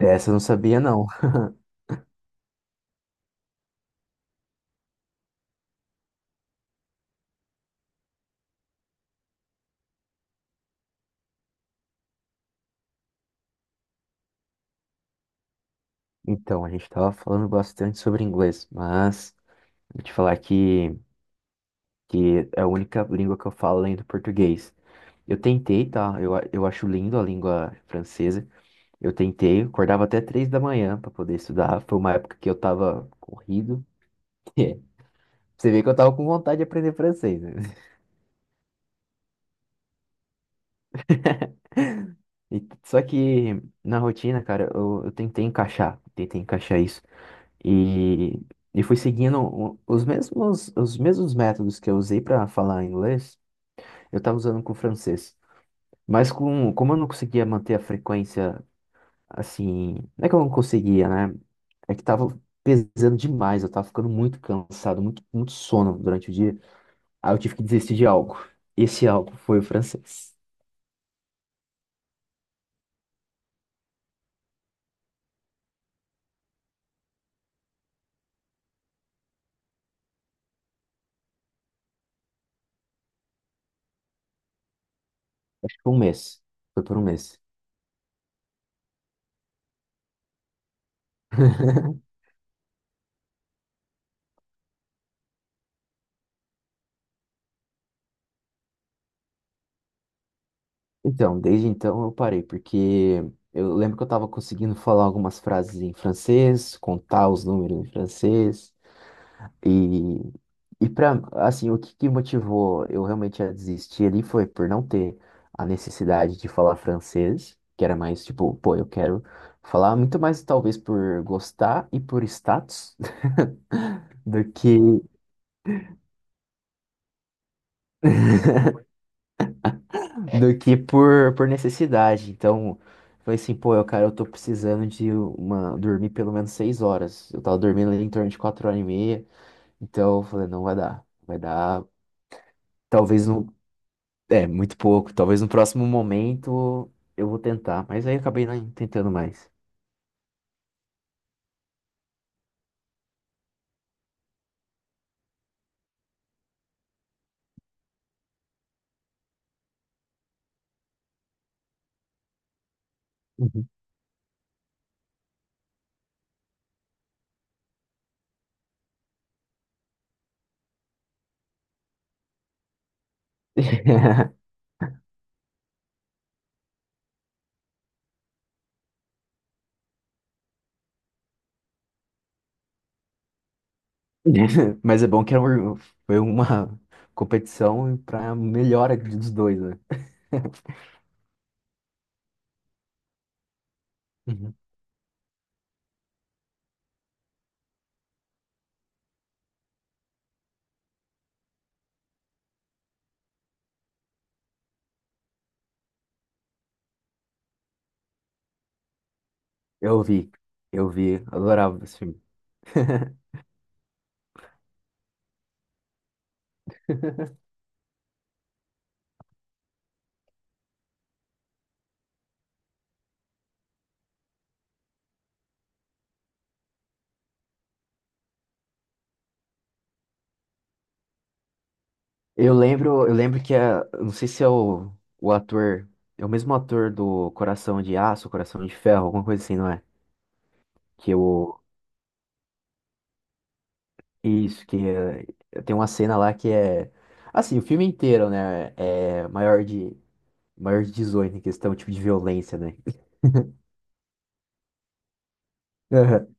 Essa eu não sabia, não. Então, a gente estava falando bastante sobre inglês, mas vou te falar que é a única língua que eu falo além do português. Eu tentei, tá? Eu acho lindo a língua francesa. Eu tentei, acordava até três da manhã para poder estudar. Foi uma época que eu tava corrido. É, Você vê que eu tava com vontade de aprender francês, né? Só que na rotina, cara, eu tentei encaixar isso. E, e fui seguindo os mesmos métodos que eu usei para falar inglês, eu estava usando com o francês. Mas como eu não conseguia manter a frequência assim. Não é que eu não conseguia, né? É que tava pesando demais, eu tava ficando muito cansado, muito, muito sono durante o dia. Aí eu tive que desistir de algo. Esse algo foi o francês. Por um mês. Foi por um mês. Então, desde então eu parei, porque eu lembro que eu estava conseguindo falar algumas frases em francês, contar os números em francês, e, e para, assim, o que que motivou eu realmente a desistir ali foi por não ter a necessidade de falar francês, que era mais tipo, pô, eu quero falar muito mais talvez por gostar e por status do que do que por necessidade. Então, eu falei assim, pô, eu, cara, eu tô precisando de uma, dormir pelo menos seis horas. Eu tava dormindo ali em torno de quatro horas e meia. Então, eu falei, não vai dar. Vai dar, talvez no, é, muito pouco. Talvez no próximo momento eu vou tentar. Mas aí eu acabei não tentando mais. Uhum. Mas é bom que foi uma competição pra melhora dos dois, né? Uhum. Eu vi, eu vi, adorava esse filme. Eu lembro, eu lembro eu não sei se é o ator, é o mesmo ator do Coração de Aço, Coração de Ferro, alguma coisa assim, não é? Que o isso, que é, tem uma cena lá que é assim, o filme inteiro, né, é maior de 18 em questão tipo de violência, né? Aham.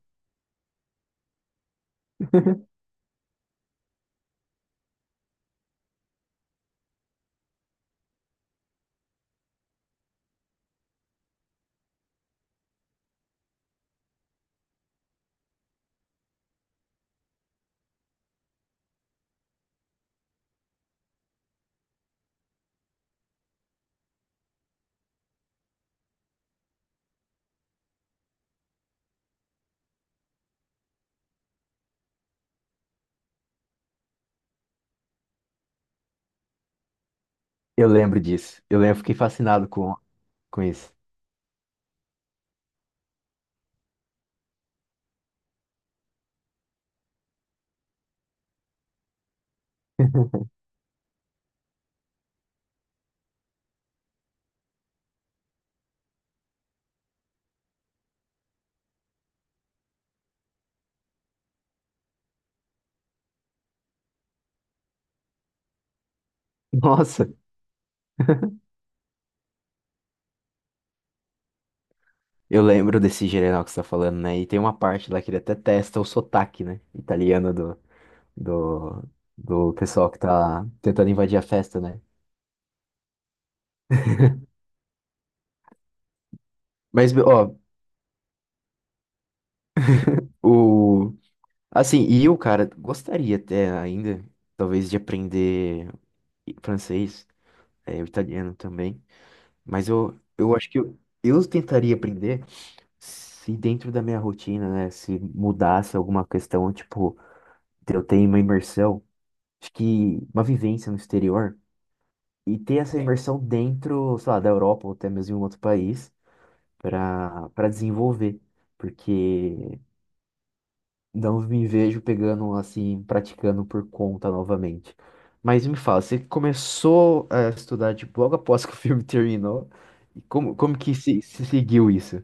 Eu lembro disso. Eu lembro, fiquei fascinado com isso. Nossa, eu lembro desse general que você tá falando, né? E tem uma parte lá que ele até testa o sotaque, né? Italiano do, do pessoal que tá tentando invadir a festa, né? Mas, ó, o. Assim, e eu, cara, gostaria até ainda, talvez, de aprender francês, é, o italiano também. Mas eu acho que eu tentaria aprender se dentro da minha rotina, né? Se mudasse alguma questão, tipo, de eu ter uma imersão, acho que uma vivência no exterior. E ter essa imersão dentro, sei lá, da Europa ou até mesmo em um outro país para desenvolver, porque não me vejo pegando assim, praticando por conta novamente. Mas me fala, você começou a estudar tipo, logo após que o filme terminou, e como que se seguiu isso?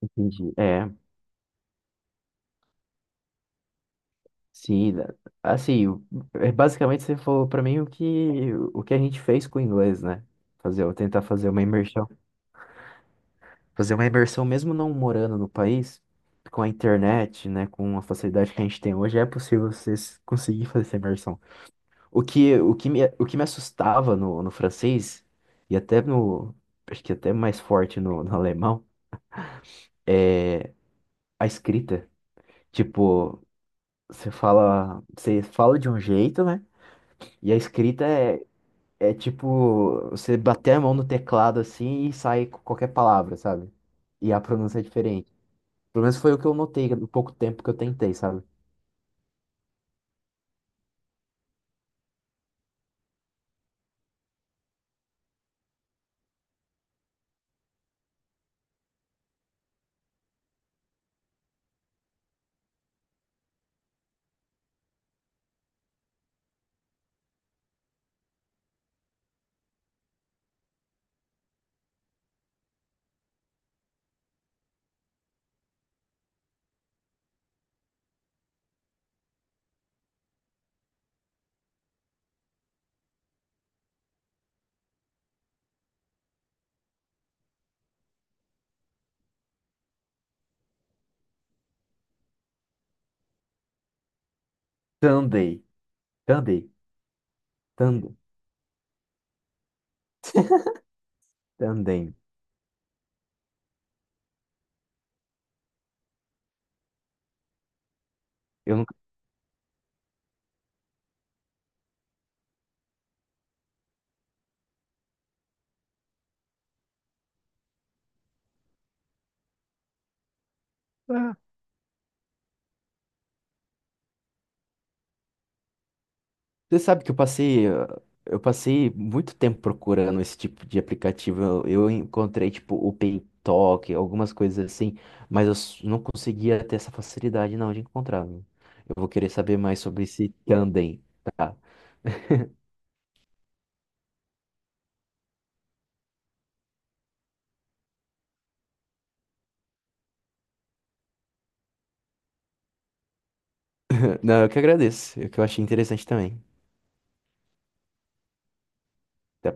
Entendi. É, sim, né? Assim, basicamente você falou para mim o que a gente fez com o inglês, né? Fazer, eu tentar fazer uma imersão Fazer uma imersão, mesmo não morando no país, com a internet, né, com a facilidade que a gente tem hoje, é possível você conseguir fazer essa imersão. O que me assustava no francês, e até no, acho que até mais forte no alemão, a escrita. Tipo, você fala de um jeito, né, e a escrita é tipo, você bater a mão no teclado assim e sai com qualquer palavra, sabe? E a pronúncia é diferente. Pelo menos foi o que eu notei no pouco tempo que eu tentei, sabe? Tandem. Tandem. Tandem. Tandem. Eu nunca... Ah, você sabe que eu passei... ah, eu passei muito tempo procurando esse tipo de aplicativo. Eu encontrei, tipo, o PayTalk, algumas coisas assim, mas eu não conseguia ter essa facilidade, não, de encontrar, viu? Eu vou querer saber mais sobre esse Tandem, tá? Não, eu que agradeço. É que eu achei interessante também. Até a